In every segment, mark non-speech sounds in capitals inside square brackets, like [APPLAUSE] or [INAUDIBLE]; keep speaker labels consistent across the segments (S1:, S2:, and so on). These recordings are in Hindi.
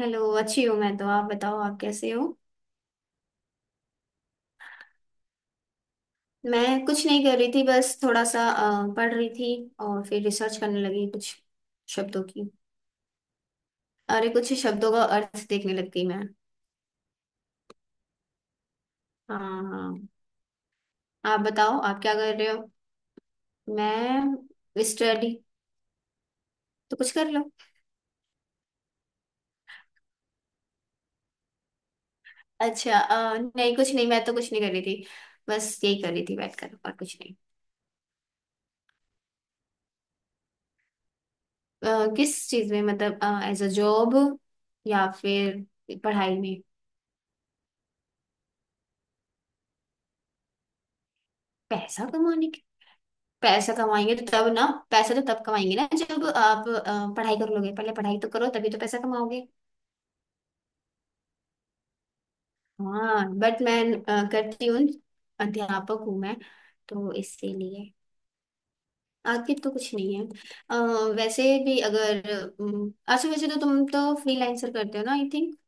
S1: हेलो। अच्छी हूँ मैं तो। आप बताओ, आप कैसे हो? मैं कुछ नहीं कर रही थी, बस थोड़ा सा पढ़ रही थी। और फिर रिसर्च करने लगी कुछ शब्दों की। अरे, कुछ शब्दों का अर्थ देखने लग गई मैं। हाँ। हाँ। आप बताओ, आप क्या कर रहे हो? मैं स्टडी। तो कुछ कर लो। अच्छा। नहीं कुछ नहीं, मैं तो कुछ नहीं कर रही थी, बस यही कर रही थी बैठकर, और कुछ नहीं। अ, किस चीज में मतलब? एज अ जॉब या फिर पढ़ाई में? पैसा कमाने। पैसा कमाएंगे तो तब ना। पैसा तो तब कमाएंगे ना, जब आप पढ़ाई कर लोगे। पहले पढ़ाई तो करो, तभी तो पैसा कमाओगे। हाँ बट मैं करती हूँ। अध्यापक हूँ मैं, तो इसीलिए आगे तो कुछ नहीं है। अ, वैसे भी अगर, अच्छा वैसे तो तुम तो फ्रीलांसर करते हो ना, आई थिंक।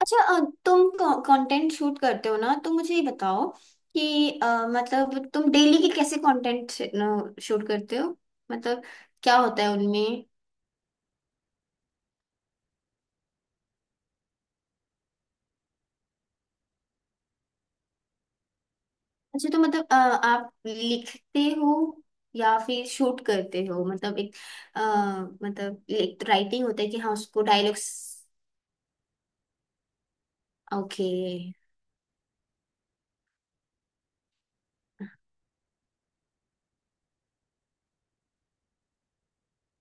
S1: अच्छा। तुम कंटेंट शूट करते हो ना, तो मुझे ये बताओ कि मतलब तुम डेली के कैसे कंटेंट शूट करते हो? मतलब क्या होता है उनमें? अच्छा तो मतलब आप लिखते हो या फिर शूट करते हो? मतलब एक अ, मतलब एक राइटिंग होता है कि हाँ उसको डायलॉग्स। ओके।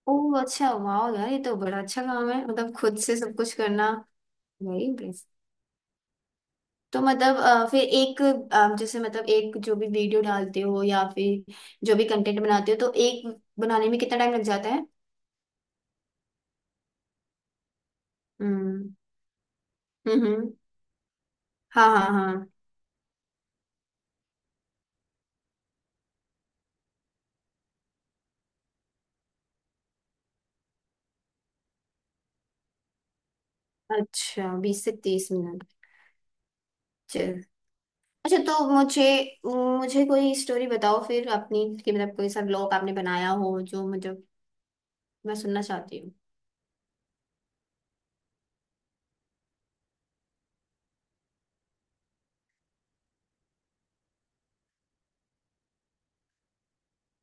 S1: ओ अच्छा, वाह यार, ये तो बड़ा अच्छा काम है, मतलब खुद से सब कुछ करना। Very Impress. तो मतलब फिर एक जैसे मतलब एक जो भी वीडियो डालते हो या फिर जो भी कंटेंट बनाते हो तो एक बनाने में कितना टाइम लग जाता है? हम्म हम्म हम्म। हाँ हाँ हाँ। अच्छा, बीस से तीस मिनट। अच्छा तो मुझे मुझे कोई स्टोरी बताओ फिर अपनी, कि मतलब कोई सा ब्लॉग आपने बनाया हो जो मुझे, मैं सुनना चाहती हूँ।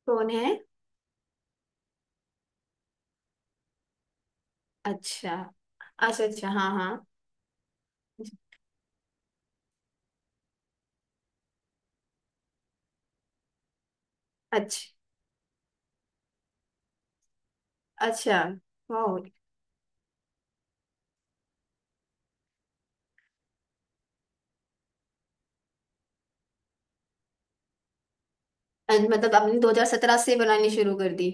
S1: कौन है? अच्छा अच्छा अच्छा। हाँ हाँ। अच्छा अच्छा। वाह। मतलब आपने 2017 से बनानी शुरू कर दी?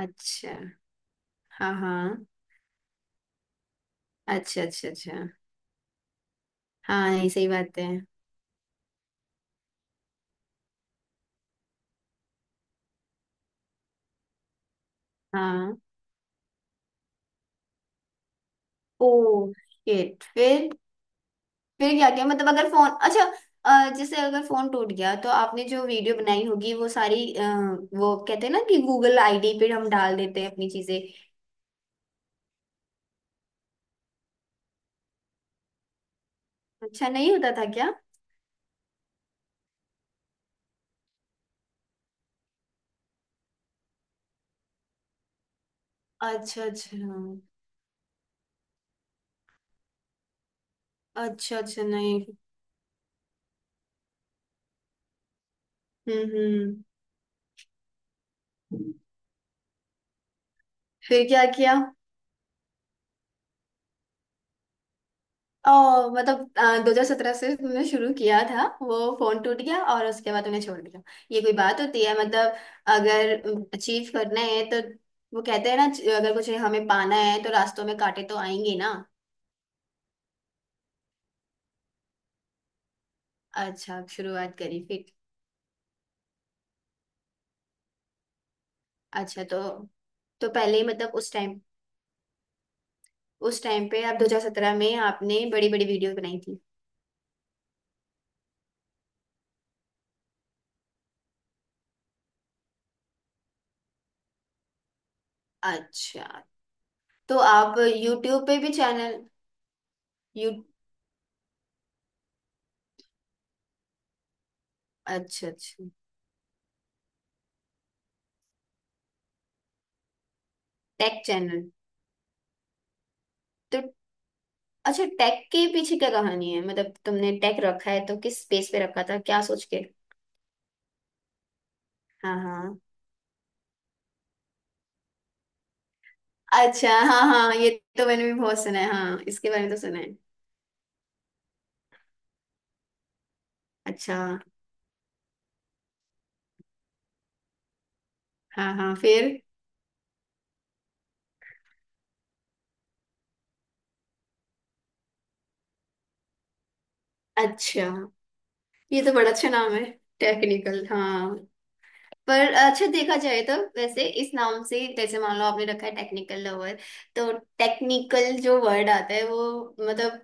S1: अच्छा। हाँ हाँ। अच्छा अच्छा अच्छा। हाँ, ये सही बात है। हाँ। Oh shit. फिर? फिर क्या किया मतलब अगर फोन अच्छा, जैसे अगर फोन टूट गया तो आपने जो वीडियो बनाई होगी वो सारी वो कहते हैं ना कि गूगल आईडी पे हम डाल देते हैं अपनी चीजें। अच्छा, नहीं होता था क्या? अच्छा अच्छा अच्छा। अच्छा नहीं। हम्म हम्म। फिर क्या किया? ओ। मतलब दो हजार सत्रह से तुमने शुरू किया था, वो फोन टूट गया और उसके बाद तुमने छोड़ दिया? ये कोई बात होती है मतलब? अगर अचीव करना है तो, वो कहते हैं ना, अगर कुछ हमें पाना है तो रास्तों में कांटे तो आएंगे ना। अच्छा, आप शुरुआत करी फिर। अच्छा तो पहले ही मतलब उस टाइम, उस टाइम पे आप 2017 में आपने बड़ी बड़ी वीडियो बनाई थी? अच्छा तो आप यूट्यूब पे भी चैनल? यू, अच्छा अच्छा। Take channel. तो, अच्छा, टेक के पीछे क्या कहानी है, मतलब तुमने टेक रखा है तो किस स्पेस पे रखा था क्या सोच के? हाँ हाँ। अच्छा हाँ हाँ ये, तो मैंने भी बहुत सुना है हाँ, इसके बारे में तो सुना है। अच्छा। हाँ हाँ फिर। अच्छा, ये तो बड़ा अच्छा नाम है। टेक्निकल हाँ। पर अच्छा, देखा जाए तो वैसे इस नाम से, जैसे मान लो आपने रखा है टेक्निकल लवर, तो टेक्निकल जो वर्ड आता है वो, मतलब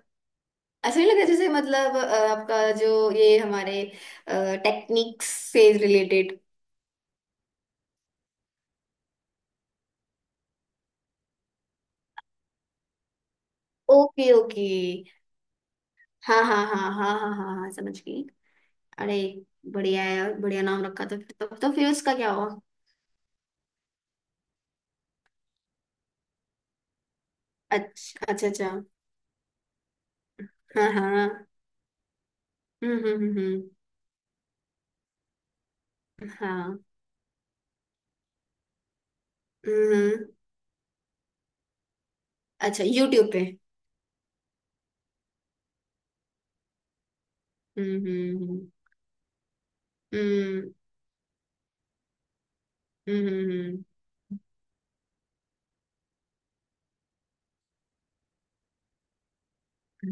S1: ऐसा नहीं लगता, जैसे मतलब आपका जो ये हमारे टेक्निक्स से रिलेटेड? Okay okay. हाँ हाँ हाँ हाँ हाँ हाँ हाँ हाँ, समझ गई। अरे, बढ़िया है यार, बढ़िया नाम रखा। तो फिर तो फिर उसका क्या हुआ? अच्छा अच्छा अच्छा। हाँ हाँ। हम्म हम्म हम्म हम्म, हाँ। हम्म। अच्छा, यूट्यूब पे? हम्म हम्म हम्म हम्म। हम्म हम्म, हम्म,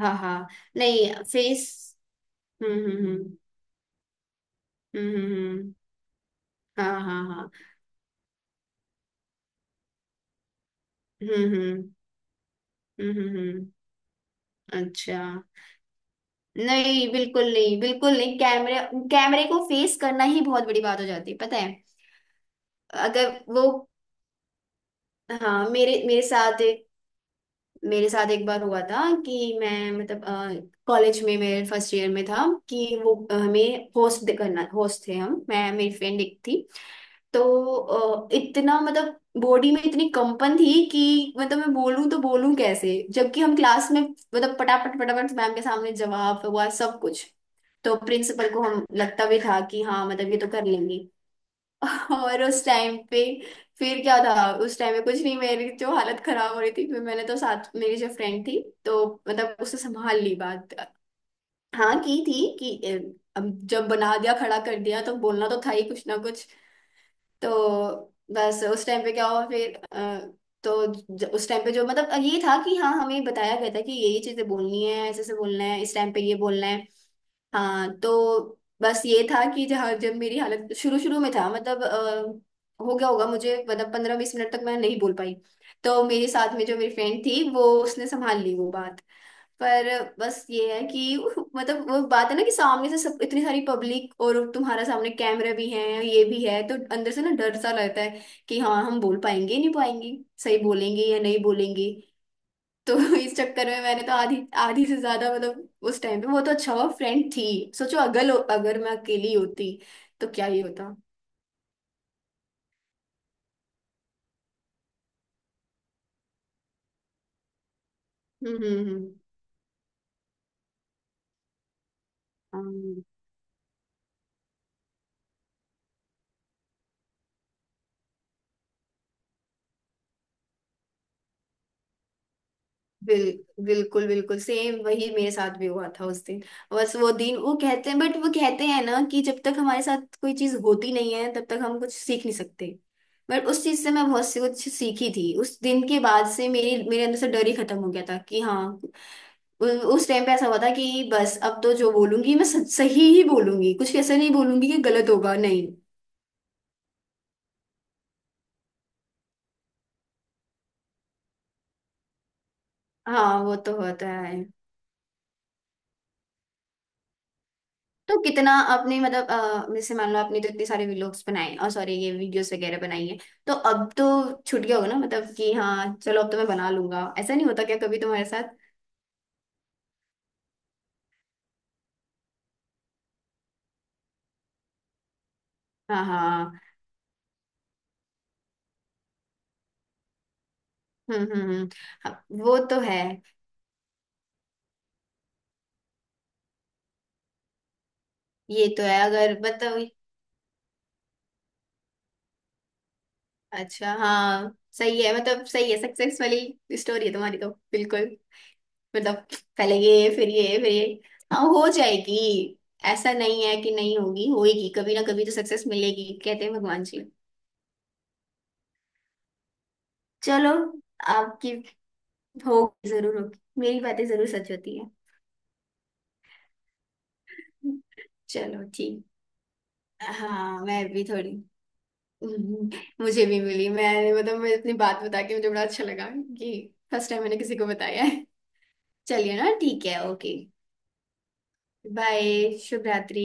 S1: हाँ हाँ। नहीं फेस। हम्म हम्म हम्म हम्म हम्म, हम्म, हाँ हाँ हाँ। हम्म हम्म हम्म। अच्छा, नहीं बिल्कुल नहीं, बिल्कुल नहीं। कैमरे, कैमरे को फेस करना ही बहुत बड़ी बात हो जाती है, पता है? अगर वो, हाँ मेरे मेरे साथ, मेरे साथ एक बार हुआ था कि मैं मतलब कॉलेज में मेरे फर्स्ट ईयर में था कि वो हमें होस्ट करना, होस्ट थे हम, मैं मेरी फ्रेंड एक थी। तो इतना मतलब बॉडी में इतनी कंपन थी कि मतलब मैं बोलूं तो बोलूं कैसे, जबकि हम क्लास में मतलब पटापट पटापट मैम के सामने जवाब हुआ सब कुछ। तो प्रिंसिपल को हम लगता भी था कि हाँ, मतलब ये तो कर लेंगी। [LAUGHS] और उस टाइम पे फिर क्या था उस टाइम में, कुछ नहीं, मेरी जो हालत खराब हो रही थी, फिर मैंने तो साथ मेरी जो फ्रेंड थी तो मतलब उससे संभाल ली बात। हाँ की थी कि अब जब बना दिया, खड़ा कर दिया, तो बोलना तो था ही कुछ ना कुछ। तो बस उस टाइम पे क्या हुआ फिर तो उस टाइम पे जो मतलब ये था कि हाँ, हमें बताया गया था कि ये चीजें बोलनी है, ऐसे ऐसे बोलना है, इस टाइम पे ये बोलना है। हाँ तो बस ये था कि जहाँ जब मेरी हालत शुरू शुरू में था मतलब हो गया होगा मुझे मतलब पंद्रह बीस मिनट तक मैं नहीं बोल पाई। तो मेरे साथ में जो मेरी फ्रेंड थी वो उसने संभाल ली वो बात। पर बस ये है कि [LAUGHS] मतलब वो बात है ना कि सामने से सब इतनी सारी पब्लिक और तुम्हारा सामने कैमरा भी है ये भी है, तो अंदर से ना डर सा लगता है कि हाँ हम बोल पाएंगे नहीं पाएंगे, सही बोलेंगे या नहीं बोलेंगे। तो [LAUGHS] इस चक्कर में मैंने तो आधी, आधी से ज्यादा मतलब उस टाइम पे, वो तो अच्छा हुआ फ्रेंड थी। सोचो अगर अगर मैं अकेली होती तो क्या ही होता। हम्म। हाँ, बिल्कुल बिल्कुल, सेम वही मेरे साथ भी हुआ था उस दिन। बस वो दिन वो कहते हैं बट, वो कहते हैं ना कि जब तक हमारे साथ कोई चीज होती नहीं है तब तक हम कुछ सीख नहीं सकते। बट उस चीज से मैं बहुत सी कुछ सीखी थी, उस दिन के बाद से मेरी मेरे अंदर से डर ही खत्म हो गया था कि हाँ, उ- उस टाइम पे ऐसा हुआ था कि बस अब तो जो बोलूंगी मैं सही ही बोलूंगी, कुछ ऐसा नहीं बोलूंगी कि गलत होगा नहीं। हाँ वो तो होता है। तो कितना आपने मतलब जैसे मान लो आपने तो इतने सारे व्लॉग्स बनाए और सॉरी ये वीडियोस वगैरह बनाई है, तो अब तो छूट गया होगा ना मतलब कि हाँ चलो अब तो मैं बना लूंगा, ऐसा नहीं होता क्या कभी तुम्हारे साथ? हाँ हाँ। हम्म हम्म हम्म, हाँ, वो तो है। ये तो है अगर मतलब, अच्छा हाँ, सही है मतलब, सही है, सक्सेस वाली स्टोरी है तुम्हारी तो बिल्कुल। मतलब पहले ये फिर ये फिर ये। हाँ हो जाएगी। ऐसा नहीं है कि नहीं होगी, होएगी, कभी ना कभी तो सक्सेस मिलेगी, कहते हैं भगवान जी। चलो, आपकी, होगी जरूर होगी, मेरी बातें जरूर सच होती है। चलो ठीक। हाँ, मैं भी थोड़ी [LAUGHS] हम्म, मुझे भी मिली। मैंने मतलब मैं अपनी बात बता के मुझे बड़ा अच्छा लगा कि फर्स्ट टाइम मैंने किसी को बताया है। चलिए ना ठीक है, ओके। बाय, शुभ रात्रि।